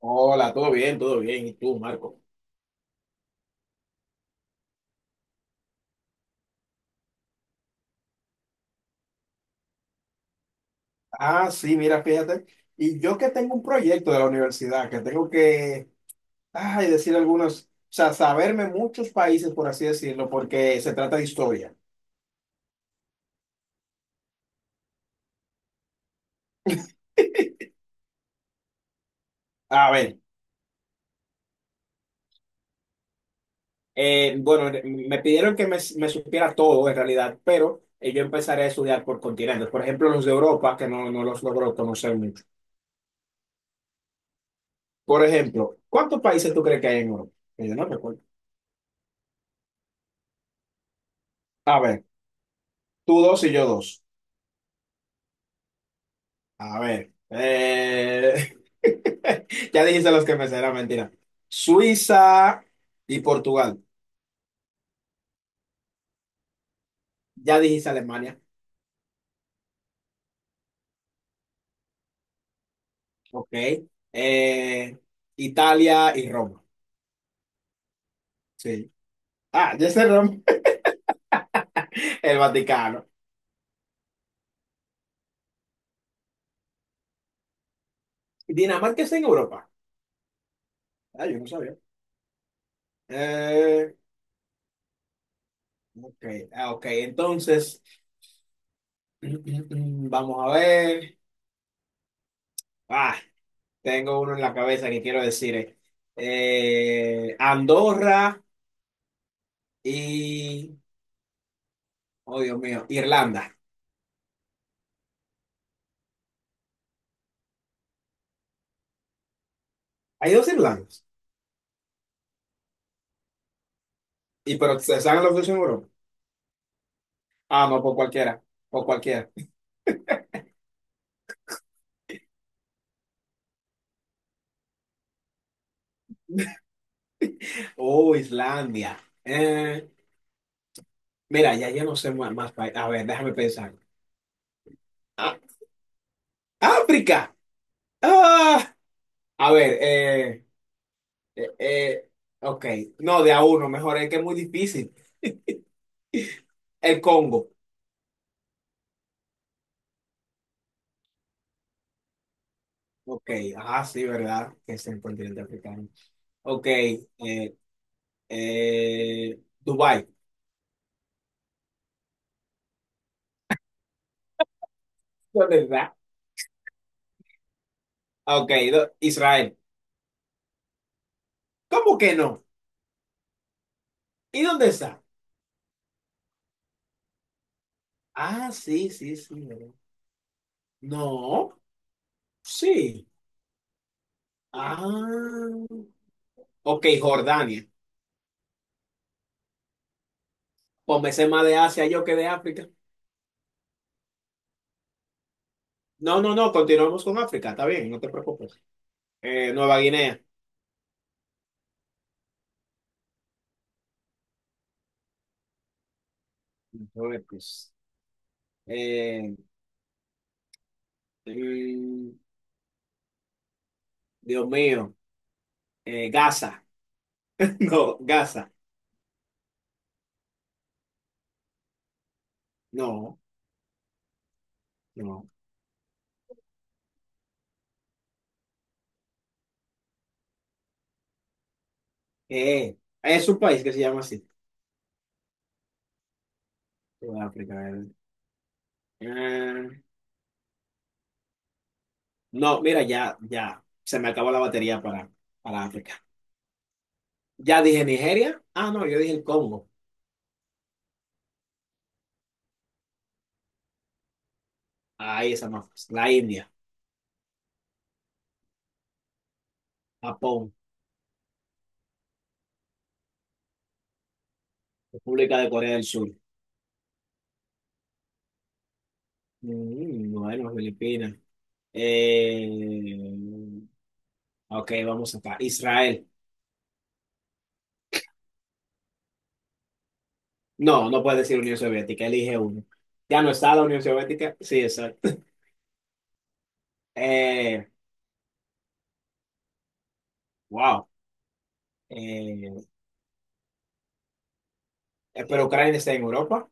Hola, todo bien, todo bien. ¿Y tú, Marco? Ah, sí, mira, fíjate. Y yo que tengo un proyecto de la universidad, que tengo que, ay, decir algunos, o sea, saberme muchos países, por así decirlo, porque se trata de historia. A ver, bueno, me pidieron que me supiera todo en realidad, pero yo empezaré a estudiar por continentes. Por ejemplo, los de Europa, que no los logro conocer mucho. Por ejemplo, ¿cuántos países tú crees que hay en Europa? Que yo no recuerdo. A ver, tú dos y yo dos. A ver, ya dijiste los que me será mentira. Suiza y Portugal. Ya dijiste Alemania. Ok. Eh, Italia y Roma. Sí. Ah, ya sé Roma. El Vaticano. Dinamarca está en Europa. Ah, yo no sabía. Eh, ok, ah, ok. Entonces, vamos a ver. Ah, tengo uno en la cabeza que quiero decir. Andorra y. Oh, Dios mío. Irlanda. Hay dos Irlandas. Y pero se saben los dos en Europa. Ah, no, por cualquiera. Por cualquiera. Oh, Islandia. Eh, mira, ya, ya no sé más, más países. A ver, déjame pensar. Ah, África. Ah, a ver, eh, eh, ok. No, de a uno, mejor es que es muy difícil. El Congo. Ok, ah, sí, ¿verdad? Que es el continente africano. Ok, Dubái. ¿Verdad? Ok, Israel. ¿Cómo que no? ¿Y dónde está? Ah, sí, sí, sí. ¿Verdad? No, sí. Ah, ok, Jordania. Pues me sé más de Asia yo que de África. No, no, no, continuamos con África, está bien, no te preocupes. Nueva Guinea. Marruecos. Eh, mm, Dios mío. Gaza. No, Gaza. No, no. Eh, es un país que se llama así. África. Eh, no, mira, ya, ya. Se me acabó la batería para África. Ya dije Nigeria. Ah, no, yo dije el Congo. Ahí esa más fácil. La India, Japón, República de Corea del Sur. Bueno, Filipinas. Eh, ok, vamos acá. Israel. No, no puedes decir Unión Soviética, elige uno. Ya no está la Unión Soviética. Sí, exacto. Eh, wow. Eh, pero Ucrania está en Europa.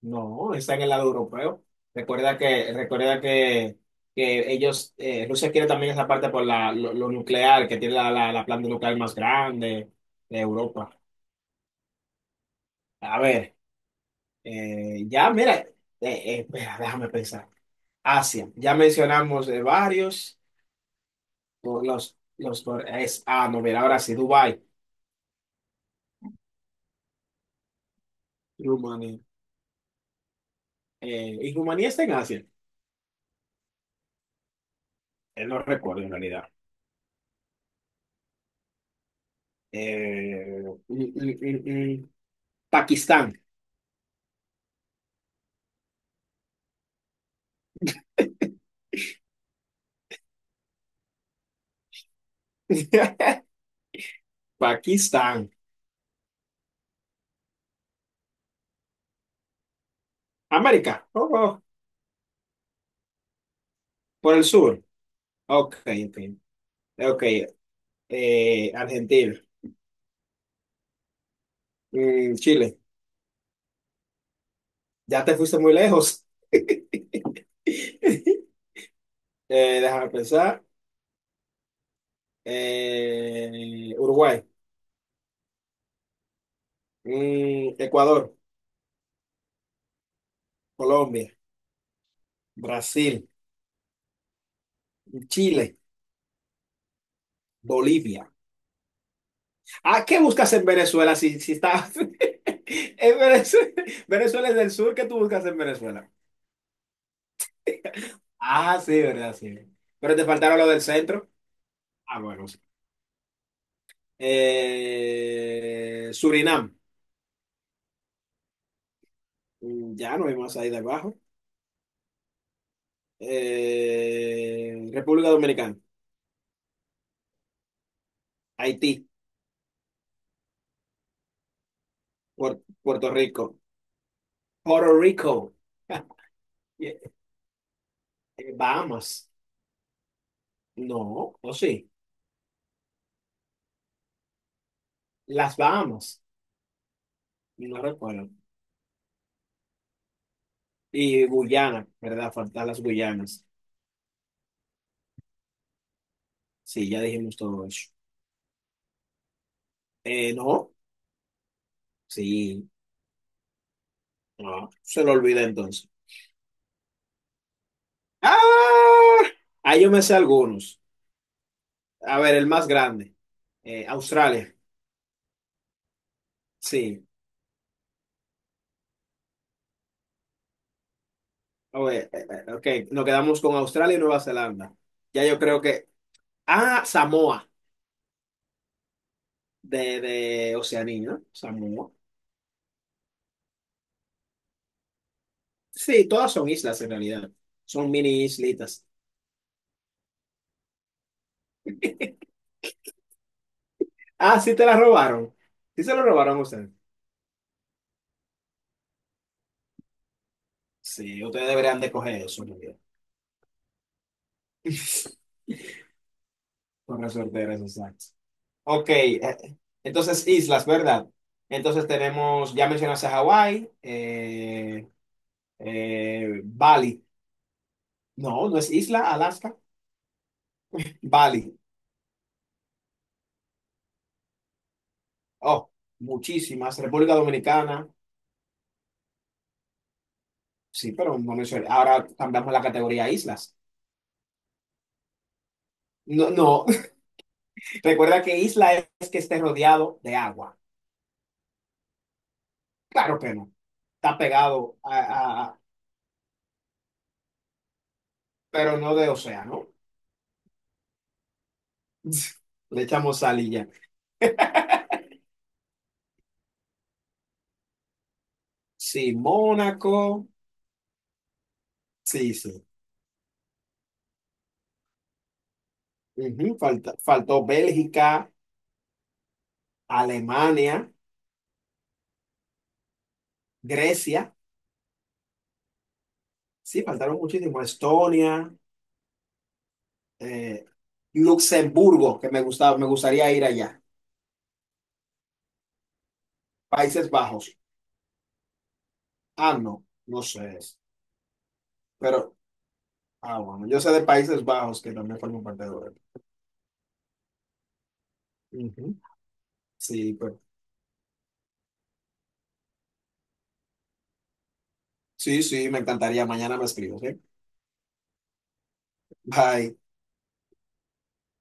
No, está en el lado europeo. Recuerda que ellos, Rusia quiere también esa parte por lo nuclear, que tiene la planta nuclear más grande de Europa. A ver, ya mira, espera, déjame pensar. Asia, ya mencionamos de varios, por los, por- es, ah, no, mira, ahora sí, Dubái, Rumanía. ¿Y Rumanía está en Asia? No recuerdo en realidad. Eh, mm, mm, mm, mm, Pakistán. Pakistán. América. Oh, oh. Por el sur. Ok, entiendo. Ok. Argentina. Chile. Ya te fuiste muy lejos. Déjame pensar. Uruguay. Ecuador. Colombia. Brasil. Chile. Bolivia. Ah, ¿qué buscas en Venezuela si, si estás en Venezuela, Venezuela es del sur, ¿qué tú buscas en Venezuela? Ah, sí, verdad, sí. Pero te faltaron lo del centro. Ah, bueno. Sí. Surinam. Ya no hay más ahí debajo. República Dominicana. Haití. Puerto Rico. Puerto Rico. Eh, Bahamas. No, o sí. Las Bahamas. No recuerdo. Y Guyana, ¿verdad? Faltan las Guyanas. Sí, ya dijimos todo eso. No. Sí. No, se lo olvida entonces. ¡Ah! Ahí yo me sé algunos. A ver, el más grande. Australia. Sí. Oye, ok, nos quedamos con Australia y Nueva Zelanda. Ya yo creo que. Ah, Samoa, de Oceanía, ¿no? Samoa. Sí, todas son islas en realidad. Son mini islitas. Ah, sí te la robaron. Sí se lo robaron a ustedes. Sí, ustedes deberían de coger eso, en realidad. Con resorteras, exacto. Ok, entonces islas, ¿verdad? Entonces tenemos, ya mencionaste a Hawái, Bali. No, no es isla, Alaska. Bali. Oh, muchísimas. República Dominicana, sí, pero no mencioné. Ahora cambiamos la categoría a islas. No, no. Recuerda que isla es que esté rodeado de agua. Claro que no. Está pegado pero no de océano. Le echamos sal y ya. Sí, Mónaco. Sí, sí. Ujú, faltó Bélgica, Alemania, Grecia. Sí, faltaron muchísimo. Estonia, eh, Luxemburgo, que me gustaba, me gustaría ir allá. Países Bajos. Ah, no, no sé. Pero, ah, bueno, yo sé de Países Bajos que también forman parte de Europa. Ujú. Sí, pero, sí, sí, me encantaría. Mañana me escribo, ¿ok? Bye.